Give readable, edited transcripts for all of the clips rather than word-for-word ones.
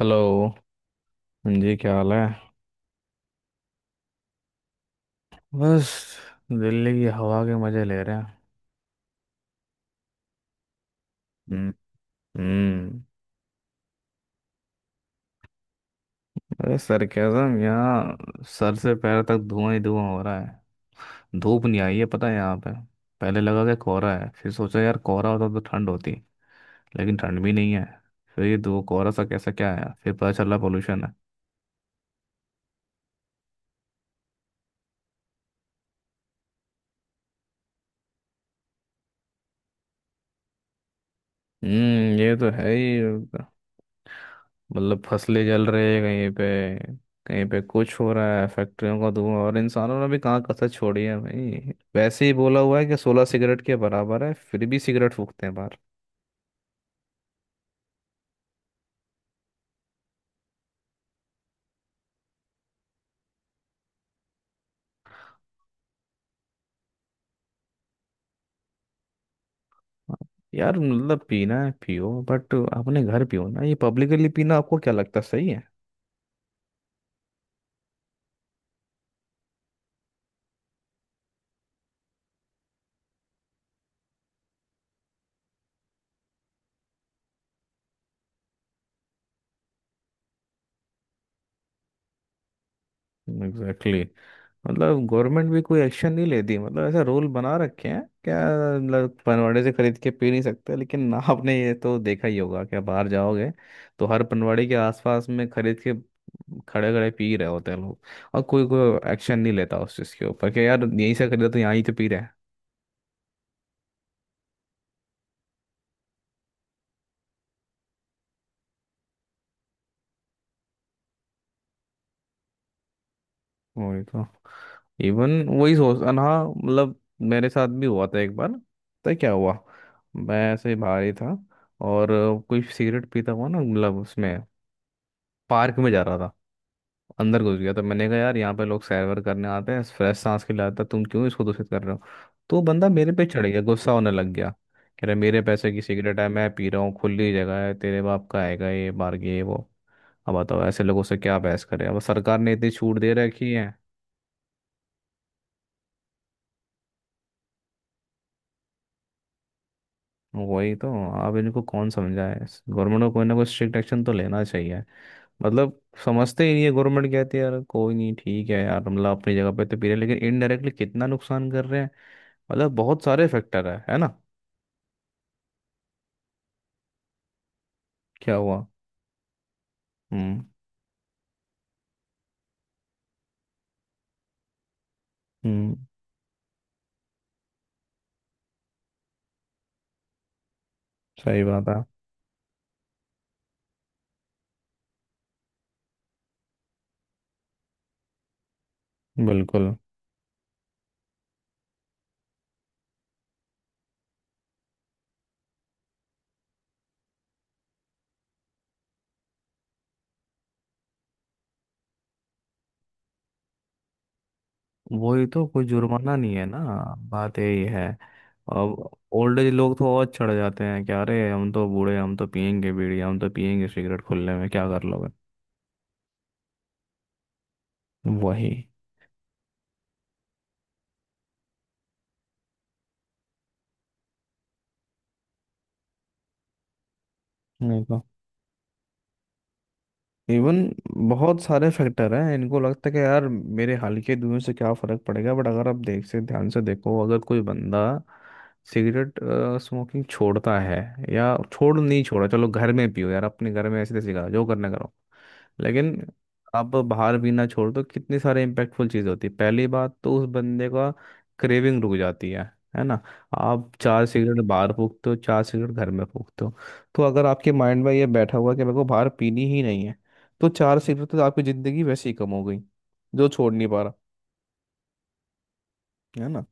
Hello. हाँ जी, क्या हाल है? बस, दिल्ली की हवा के मजे ले रहे हैं. हम्म. हम्म, अरे सरकेज़म, यहाँ सर से पैर तक धुआं ही धुआं हो रहा है. धूप नहीं आई है, पता है यहाँ पे. पहले लगा कि कोहरा है, फिर सोचा यार कोहरा होता तो ठंड होती, लेकिन ठंड भी नहीं है. फिर ये धुआं कोहरा सा कैसा क्या आया, फिर पता चला पोल्यूशन है. हम्म, ये तो है ही. मतलब फसलें जल रही है कहीं पे, कहीं पे कुछ हो रहा है, फैक्ट्रियों का धुआं, और इंसानों ने भी कहाँ कसर छोड़ी है भाई. वैसे ही बोला हुआ है कि 16 सिगरेट के बराबर है, फिर भी सिगरेट फूकते हैं बाहर. यार मतलब पीना है पियो, बट अपने घर पियो ना. ये पब्लिकली पीना आपको क्या लगता है सही है? एग्जैक्टली. मतलब गवर्नमेंट भी कोई एक्शन नहीं लेती. मतलब ऐसा रूल बना रखे हैं क्या? मतलब पनवाड़े से खरीद के पी नहीं सकते, लेकिन आपने ये तो देखा ही होगा कि आप बाहर जाओगे तो हर पनवाड़ी के आसपास में खरीद के खड़े खड़े पी रहे होते हैं लोग. और कोई कोई एक्शन नहीं लेता उस चीज़ के ऊपर कि यार यहीं से खरीदा तो यहाँ ही तो पी रहे हैं. वही तो. इवन वही सोच अन हाँ मतलब मेरे साथ भी हुआ था एक बार. तो क्या हुआ, मैं ऐसे ही बाहर ही था. और कोई सिगरेट पीता हुआ ना, मतलब उसमें पार्क में जा रहा था, अंदर घुस गया. तो मैंने कहा यार यहाँ पे लोग सैर वैर करने आते हैं, फ्रेश सांस के लिए आता है, तुम क्यों इसको दूषित कर रहे हो? तो वो बंदा मेरे पे चढ़ गया, गुस्सा होने लग गया. कह रहा मेरे पैसे की सिगरेट है, मैं पी रहा हूँ, खुली जगह है, तेरे बाप का आएगा, ये बार ये वो. अब बताओ ऐसे लोगों से क्या बहस करें, अब सरकार ने इतनी छूट दे रखी है. वही तो. अब इनको कौन समझाए? गवर्नमेंट को कोई ना कोई स्ट्रिक्ट एक्शन तो लेना चाहिए. मतलब समझते ही नहीं है. गवर्नमेंट कहती है यार कोई नहीं, ठीक है यार, मतलब अपनी जगह पे तो पी रहे हैं, लेकिन इनडायरेक्टली कितना नुकसान कर रहे हैं. मतलब बहुत सारे फैक्टर है ना? क्या हुआ? हम्म. हम्म. सही बात है. बिल्कुल. वही तो, कोई जुर्माना नहीं है ना. बात यही है. अब ओल्ड एज लोग तो और चढ़ जाते हैं क्या, अरे हम तो बूढ़े, हम तो पियेंगे बीड़ी, हम तो पियेंगे सिगरेट खुले में, क्या कर लोगे. वही. इवन बहुत सारे फैक्टर हैं. इनको लगता है कि यार मेरे हाल के दुनिया से क्या फर्क पड़ेगा, बट अगर आप देख से ध्यान से देखो, अगर कोई बंदा सिगरेट स्मोकिंग छोड़ता है, या छोड़ नहीं, छोड़ा चलो घर में पियो यार, अपने घर में ऐसे तैसे करा जो करना करो, लेकिन आप बाहर पीना छोड़ दो, कितनी सारी इम्पैक्टफुल चीज़ होती है. पहली बात तो उस बंदे का क्रेविंग रुक जाती है ना. आप 4 सिगरेट बाहर फूकते हो, 4 सिगरेट घर में फूकते हो, तो अगर आपके माइंड में ये बैठा हुआ है कि मेरे को बाहर पीनी ही नहीं है, तो 4 सिगरेट तो आपकी ज़िंदगी वैसे ही कम हो गई, जो छोड़ नहीं पा रहा. है ना.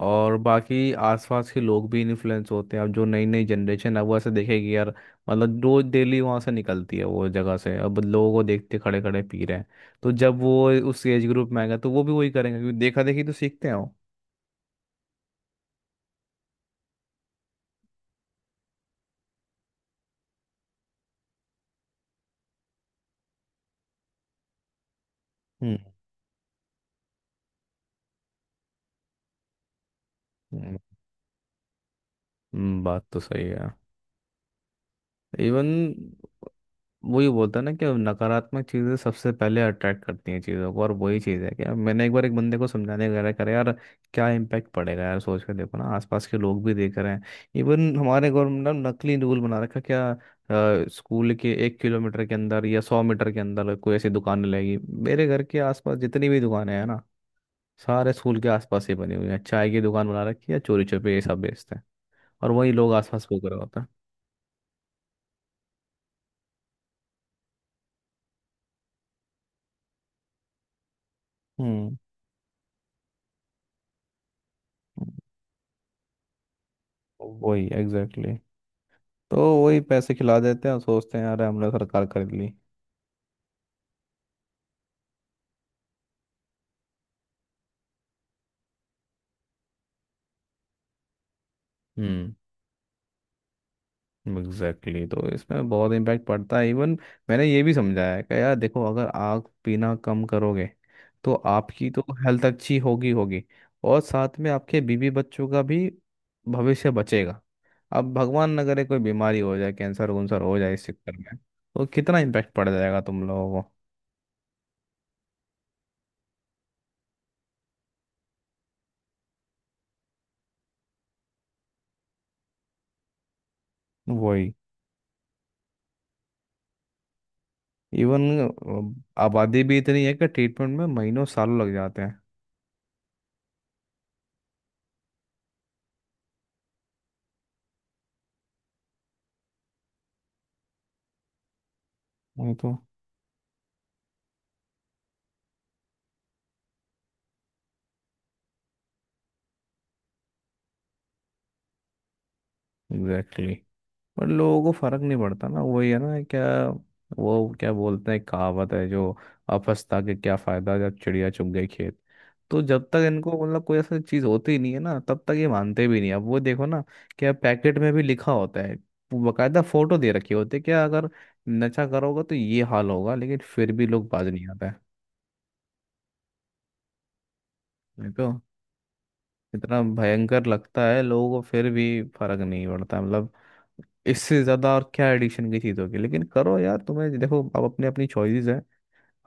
और बाकी आसपास के लोग भी इन्फ्लुएंस होते हैं. अब जो नई नई जनरेशन है वो ऐसे देखेगी यार, मतलब रोज डेली वहां से निकलती है वो जगह से, अब लोगों को देखते खड़े खड़े पी रहे हैं. तो जब वो उस एज ग्रुप में आएगा तो वो भी वही करेंगे, क्योंकि देखा देखी तो सीखते हैं वो. हम्म. हम्म, बात तो सही है. इवन वही बोलता है ना कि नकारात्मक चीज़ें सबसे पहले अट्रैक्ट करती हैं चीज़ों को, और वही चीज़ है कि अब मैंने एक बार एक बंदे को समझाने वगैरह करा यार, क्या इम्पैक्ट पड़ेगा यार, सोच के देखो ना, आसपास के लोग भी देख रहे हैं. इवन हमारे गवर्नमेंट ने नकली रूल बना रखा क्या, स्कूल के 1 किलोमीटर के अंदर या 100 मीटर के अंदर कोई ऐसी दुकान लगेगी. मेरे घर के आसपास जितनी भी दुकानें हैं ना, सारे स्कूल के आसपास ही बनी हुई हैं. चाय की दुकान बना रखी है, चोरी छुपे ये सब बेचते हैं. और वही लोग आसपास फूक रहे होते हैं. हम्म. हम्म, वही एग्जैक्टली. तो वही पैसे खिला देते हैं और सोचते हैं यार हमने सरकार खरीद ली. हम्म. Exactly exactly. तो इसमें बहुत इम्पैक्ट पड़ता है. इवन मैंने ये भी समझाया है कि यार देखो, अगर आप पीना कम करोगे, तो आपकी तो हेल्थ अच्छी होगी होगी और साथ में आपके बीवी बच्चों का भी भविष्य बचेगा. अब भगवान न करे कोई बीमारी हो जाए, कैंसर वंसर हो जाए, इस चक्कर में तो कितना इम्पैक्ट पड़ जाएगा तुम लोगों को. वही. इवन आबादी भी इतनी है कि ट्रीटमेंट में महीनों सालों लग जाते हैं. वही तो. Exactly exactly. पर लोगों को फर्क नहीं पड़ता ना, वही है ना क्या, वो क्या बोलते हैं कहावत है जो, अफसता के क्या फायदा जब चिड़िया चुग गई खेत. तो जब तक इनको, मतलब कोई ऐसा चीज होती ही नहीं है ना, तब तक ये मानते भी नहीं. अब वो देखो ना, क्या पैकेट में भी लिखा होता है, वो बकायदा फोटो दे रखी होती है क्या, अगर नशा करोगे तो ये हाल होगा, लेकिन फिर भी लोग बाज नहीं आता है. नहीं तो इतना भयंकर लगता है लोगों को, फिर भी फर्क नहीं पड़ता मतलब. इससे ज्यादा और क्या एडिक्शन की चीज होगी, लेकिन करो यार तुम्हें देखो, अब अपनी अपनी चॉइसेस है,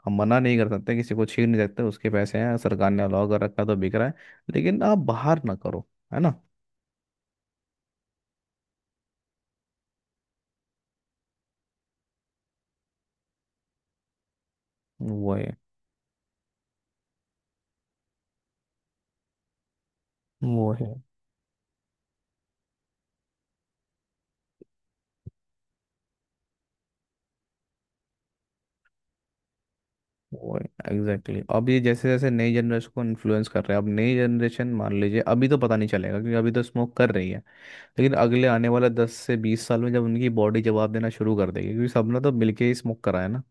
हम मना नहीं कर सकते किसी को, छीन नहीं सकते, उसके पैसे हैं, सरकार ने अलाउ कर रखा है, तो बिक रहा है. लेकिन आप बाहर ना करो, है ना. वो है. वो है. वो है. Exactly exactly. अब ये जैसे जैसे नई जनरेशन को इन्फ्लुएंस कर रहे हैं, अब नई जनरेशन मान लीजिए अभी तो पता नहीं चलेगा, क्योंकि अभी तो स्मोक कर रही है, लेकिन अगले आने वाले 10 से 20 साल में जब उनकी बॉडी जवाब देना शुरू कर देगी, क्योंकि सबने तो मिलके ही स्मोक करा है ना.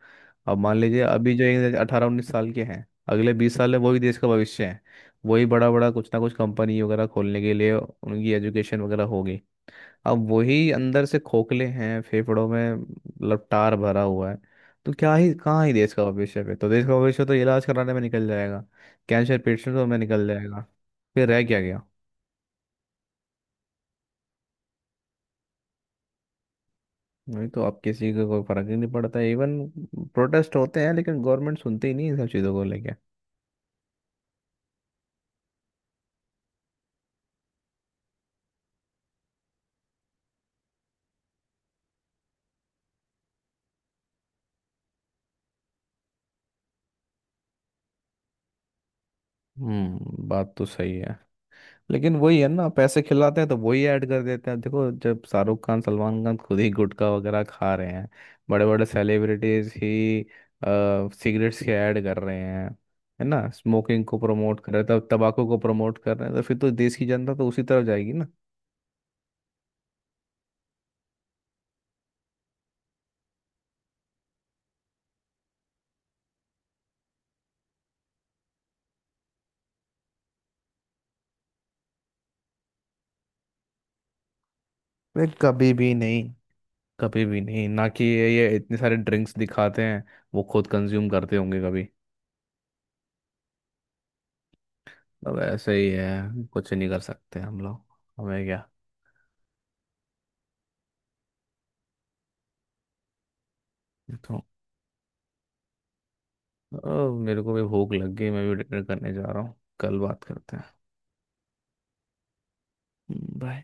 अब मान लीजिए अभी जो एक 18-19 साल के हैं, अगले 20 साल है वही देश का भविष्य है. वही बड़ा बड़ा कुछ ना कुछ कंपनी वगैरह खोलने के लिए उनकी एजुकेशन वगैरह होगी. अब वही अंदर से खोखले हैं, फेफड़ों में लपटार भरा हुआ है. तो क्या ही, कहाँ ही देश का भविष्य पे, तो देश का भविष्य तो इलाज कराने में निकल जाएगा, कैंसर पेशेंटों में निकल जाएगा. फिर रह क्या गया. नहीं तो अब किसी को कोई फर्क ही नहीं पड़ता. इवन प्रोटेस्ट होते हैं लेकिन गवर्नमेंट सुनती ही नहीं इन सब चीज़ों को लेके. हम्म, बात तो सही है. लेकिन वही है ना, पैसे खिलाते हैं तो वही ऐड कर देते हैं. देखो जब शाहरुख खान सलमान खान खुद ही गुटखा वगैरह खा रहे हैं, बड़े बड़े सेलिब्रिटीज ही सिगरेट्स के ऐड कर रहे हैं, है ना, स्मोकिंग को प्रमोट कर रहे हैं, तब तंबाकू को प्रमोट कर रहे हैं, तो फिर तो देश की जनता तो उसी तरफ जाएगी ना. वे कभी भी नहीं, कभी भी नहीं ना, कि ये इतने सारे ड्रिंक्स दिखाते हैं, वो खुद कंज्यूम करते होंगे कभी. अब ऐसे ही है, कुछ नहीं कर सकते हम लोग, हमें क्या. अब मेरे को भी भूख लग गई, मैं भी डिनर करने जा रहा हूँ. कल बात करते हैं. बाय.